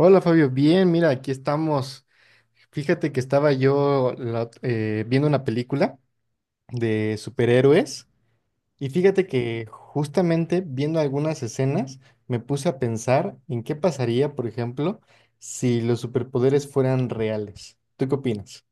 Hola Fabio, bien, mira, aquí estamos. Fíjate que estaba yo viendo una película de superhéroes y fíjate que justamente viendo algunas escenas me puse a pensar en qué pasaría, por ejemplo, si los superpoderes fueran reales. ¿Tú qué opinas?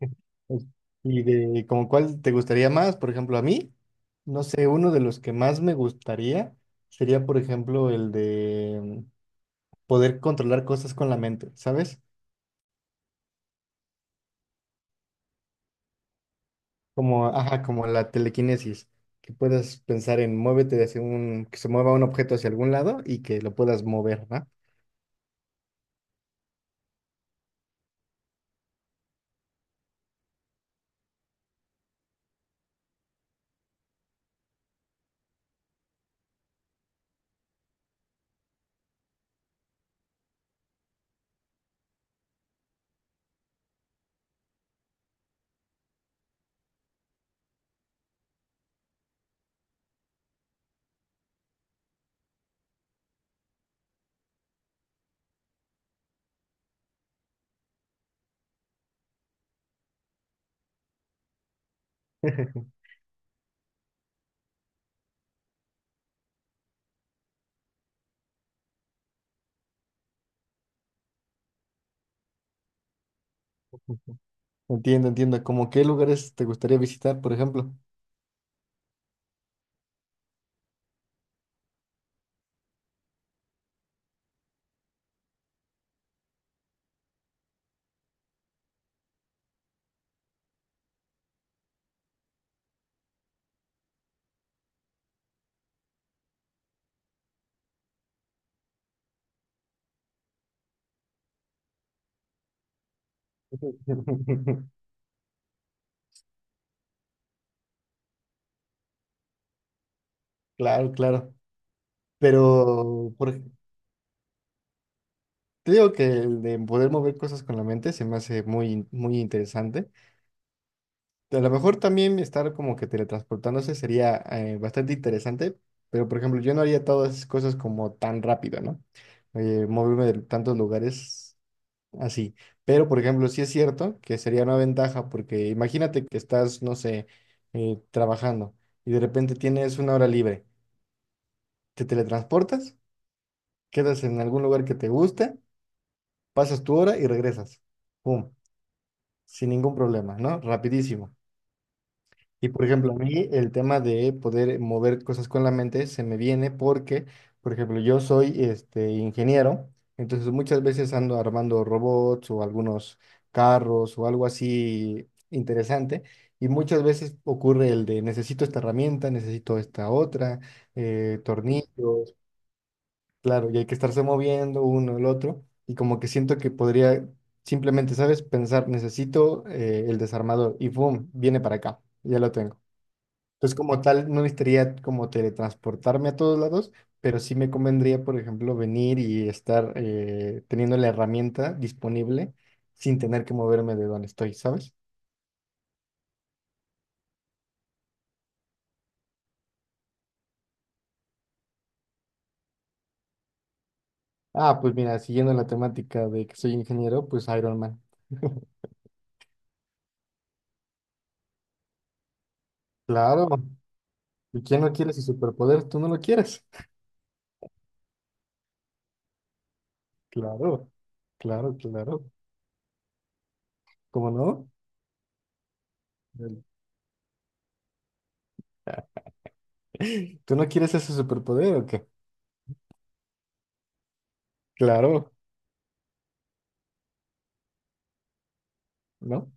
Pues, y de como cuál te gustaría más, por ejemplo, a mí, no sé, uno de los que más me gustaría sería, por ejemplo, el de poder controlar cosas con la mente, ¿sabes? Como, ajá, como la telequinesis, que puedas pensar en muévete hacia un, que se mueva un objeto hacia algún lado y que lo puedas mover, ¿no? Entiendo, entiendo. ¿Cómo qué lugares te gustaría visitar, por ejemplo? Claro, claro. Pero por ej- Te digo que el de poder mover cosas con la mente se me hace muy interesante. A lo mejor también estar como que teletransportándose sería bastante interesante, pero por ejemplo, yo no haría todas esas cosas como tan rápido, ¿no? Moverme de tantos lugares así. Pero por ejemplo, sí es cierto que sería una ventaja, porque imagínate que estás, no sé, trabajando y de repente tienes una hora libre. Te teletransportas, quedas en algún lugar que te guste, pasas tu hora y regresas. ¡Pum! Sin ningún problema, ¿no? Rapidísimo. Y por ejemplo, a mí el tema de poder mover cosas con la mente se me viene porque, por ejemplo, yo soy este ingeniero, entonces muchas veces ando armando robots o algunos carros o algo así interesante. Y muchas veces ocurre el de necesito esta herramienta, necesito esta otra, tornillos, claro, y hay que estarse moviendo uno el otro. Y como que siento que podría simplemente, ¿sabes? Pensar, necesito el desarmador y ¡boom! Viene para acá, ya lo tengo. Entonces, como tal, no necesitaría como teletransportarme a todos lados, pero sí me convendría, por ejemplo, venir y estar teniendo la herramienta disponible sin tener que moverme de donde estoy, ¿sabes? Ah, pues mira, siguiendo la temática de que soy ingeniero, pues Iron Man. Claro. ¿Y quién no quiere su superpoder? ¿Tú no lo quieres? Claro, claro, claro. ¿Cómo no? ¿Tú no quieres ese superpoder o qué? Claro, ¿no?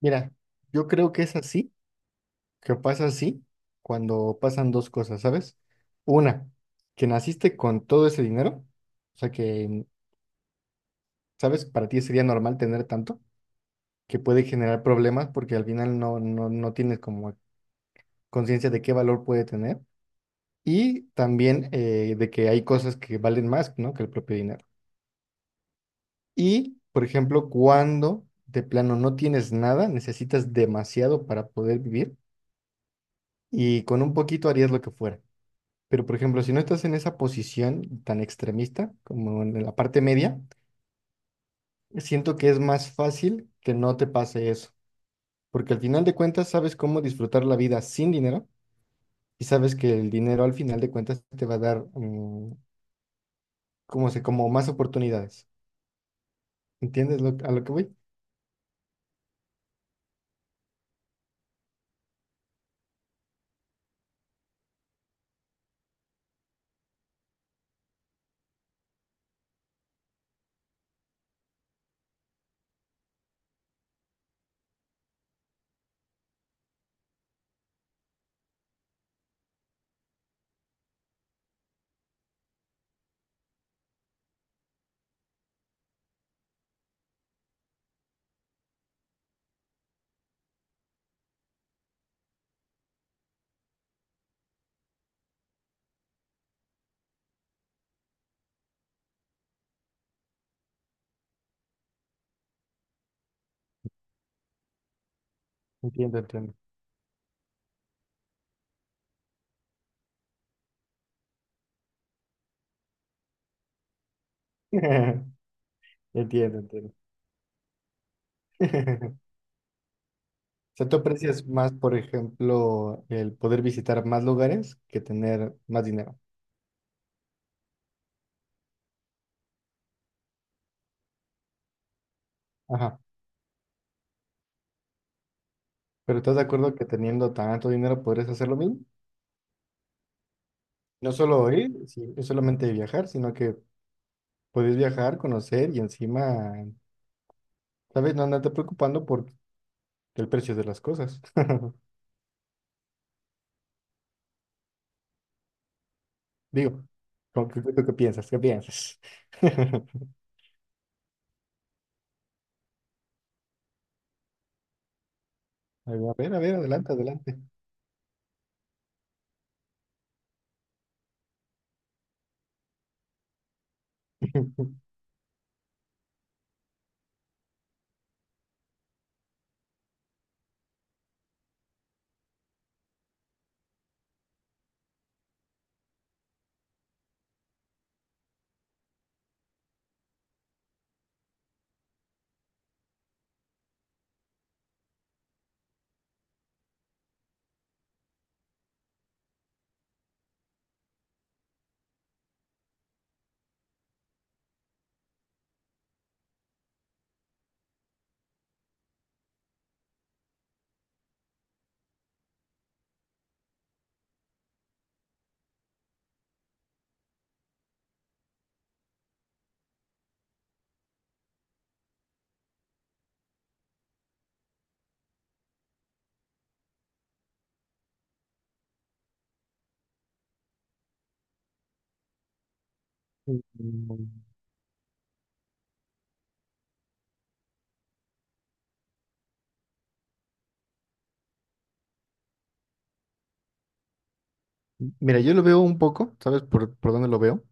Mira, yo creo que es así que pasa así cuando pasan dos cosas, ¿sabes? Una, que naciste con todo ese dinero, o sea que, ¿sabes? Para ti sería normal tener tanto, que puede generar problemas porque al final no tienes como conciencia de qué valor puede tener y también de que hay cosas que valen más, ¿no? que el propio dinero. Y, por ejemplo, cuando de plano no tienes nada, necesitas demasiado para poder vivir y con un poquito harías lo que fuera. Pero, por ejemplo, si no estás en esa posición tan extremista como en la parte media, siento que es más fácil que no te pase eso, porque al final de cuentas sabes cómo disfrutar la vida sin dinero y sabes que el dinero al final de cuentas te va a dar como se, como más oportunidades. ¿A lo que voy? Entiendo, entiendo. Entiendo, entiendo. O sea, tú aprecias más, por ejemplo, el poder visitar más lugares que tener más dinero. Ajá. Pero ¿estás de acuerdo que teniendo tanto dinero podrías hacer lo mismo? No solo ir, sí, no solamente viajar, sino que puedes viajar, conocer y encima, ¿sabes? No andarte preocupando por el precio de las cosas. Digo, ¿con ¿qué, qué, qué piensas? ¿Qué piensas? A ver, adelante, adelante. Mira, yo lo veo un poco, ¿sabes por dónde lo veo?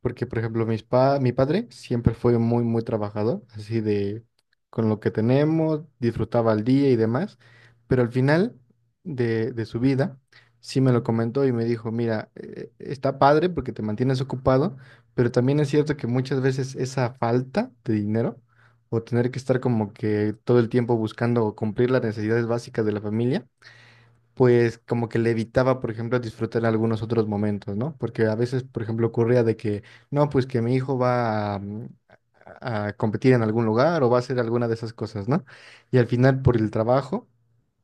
Porque, por ejemplo, mis pa mi padre siempre fue muy, muy trabajador, así de con lo que tenemos, disfrutaba el día y demás, pero al final de su vida sí me lo comentó y me dijo, mira, está padre porque te mantienes ocupado, pero también es cierto que muchas veces esa falta de dinero o tener que estar como que todo el tiempo buscando cumplir las necesidades básicas de la familia, pues como que le evitaba, por ejemplo, disfrutar algunos otros momentos, ¿no? Porque a veces, por ejemplo, ocurría de que, no, pues que mi hijo va a, a competir en algún lugar o va a hacer alguna de esas cosas, ¿no? Y al final, por el trabajo,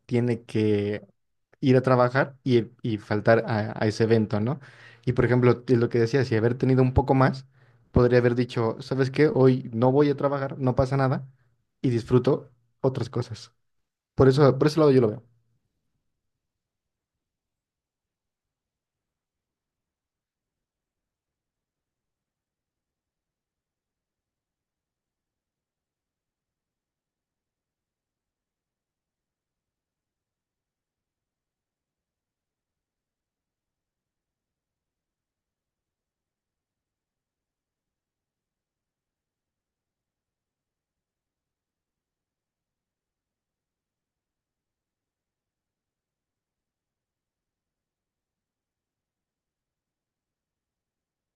tiene que ir a trabajar y faltar a ese evento, ¿no? Y por ejemplo, lo que decía, si haber tenido un poco más, podría haber dicho, ¿sabes qué? Hoy no voy a trabajar, no pasa nada y disfruto otras cosas. Por eso, por ese lado yo lo veo.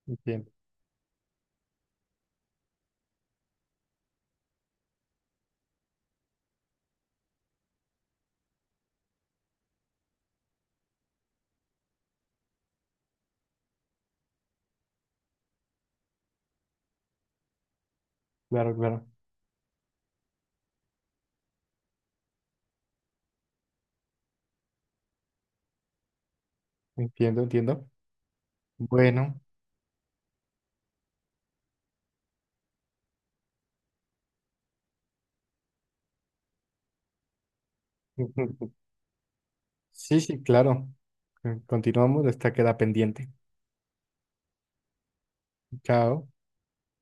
Entiendo, claro, claro. Entiendo, entiendo. Bueno, sí, sí, claro. Continuamos, esta queda pendiente. Chao.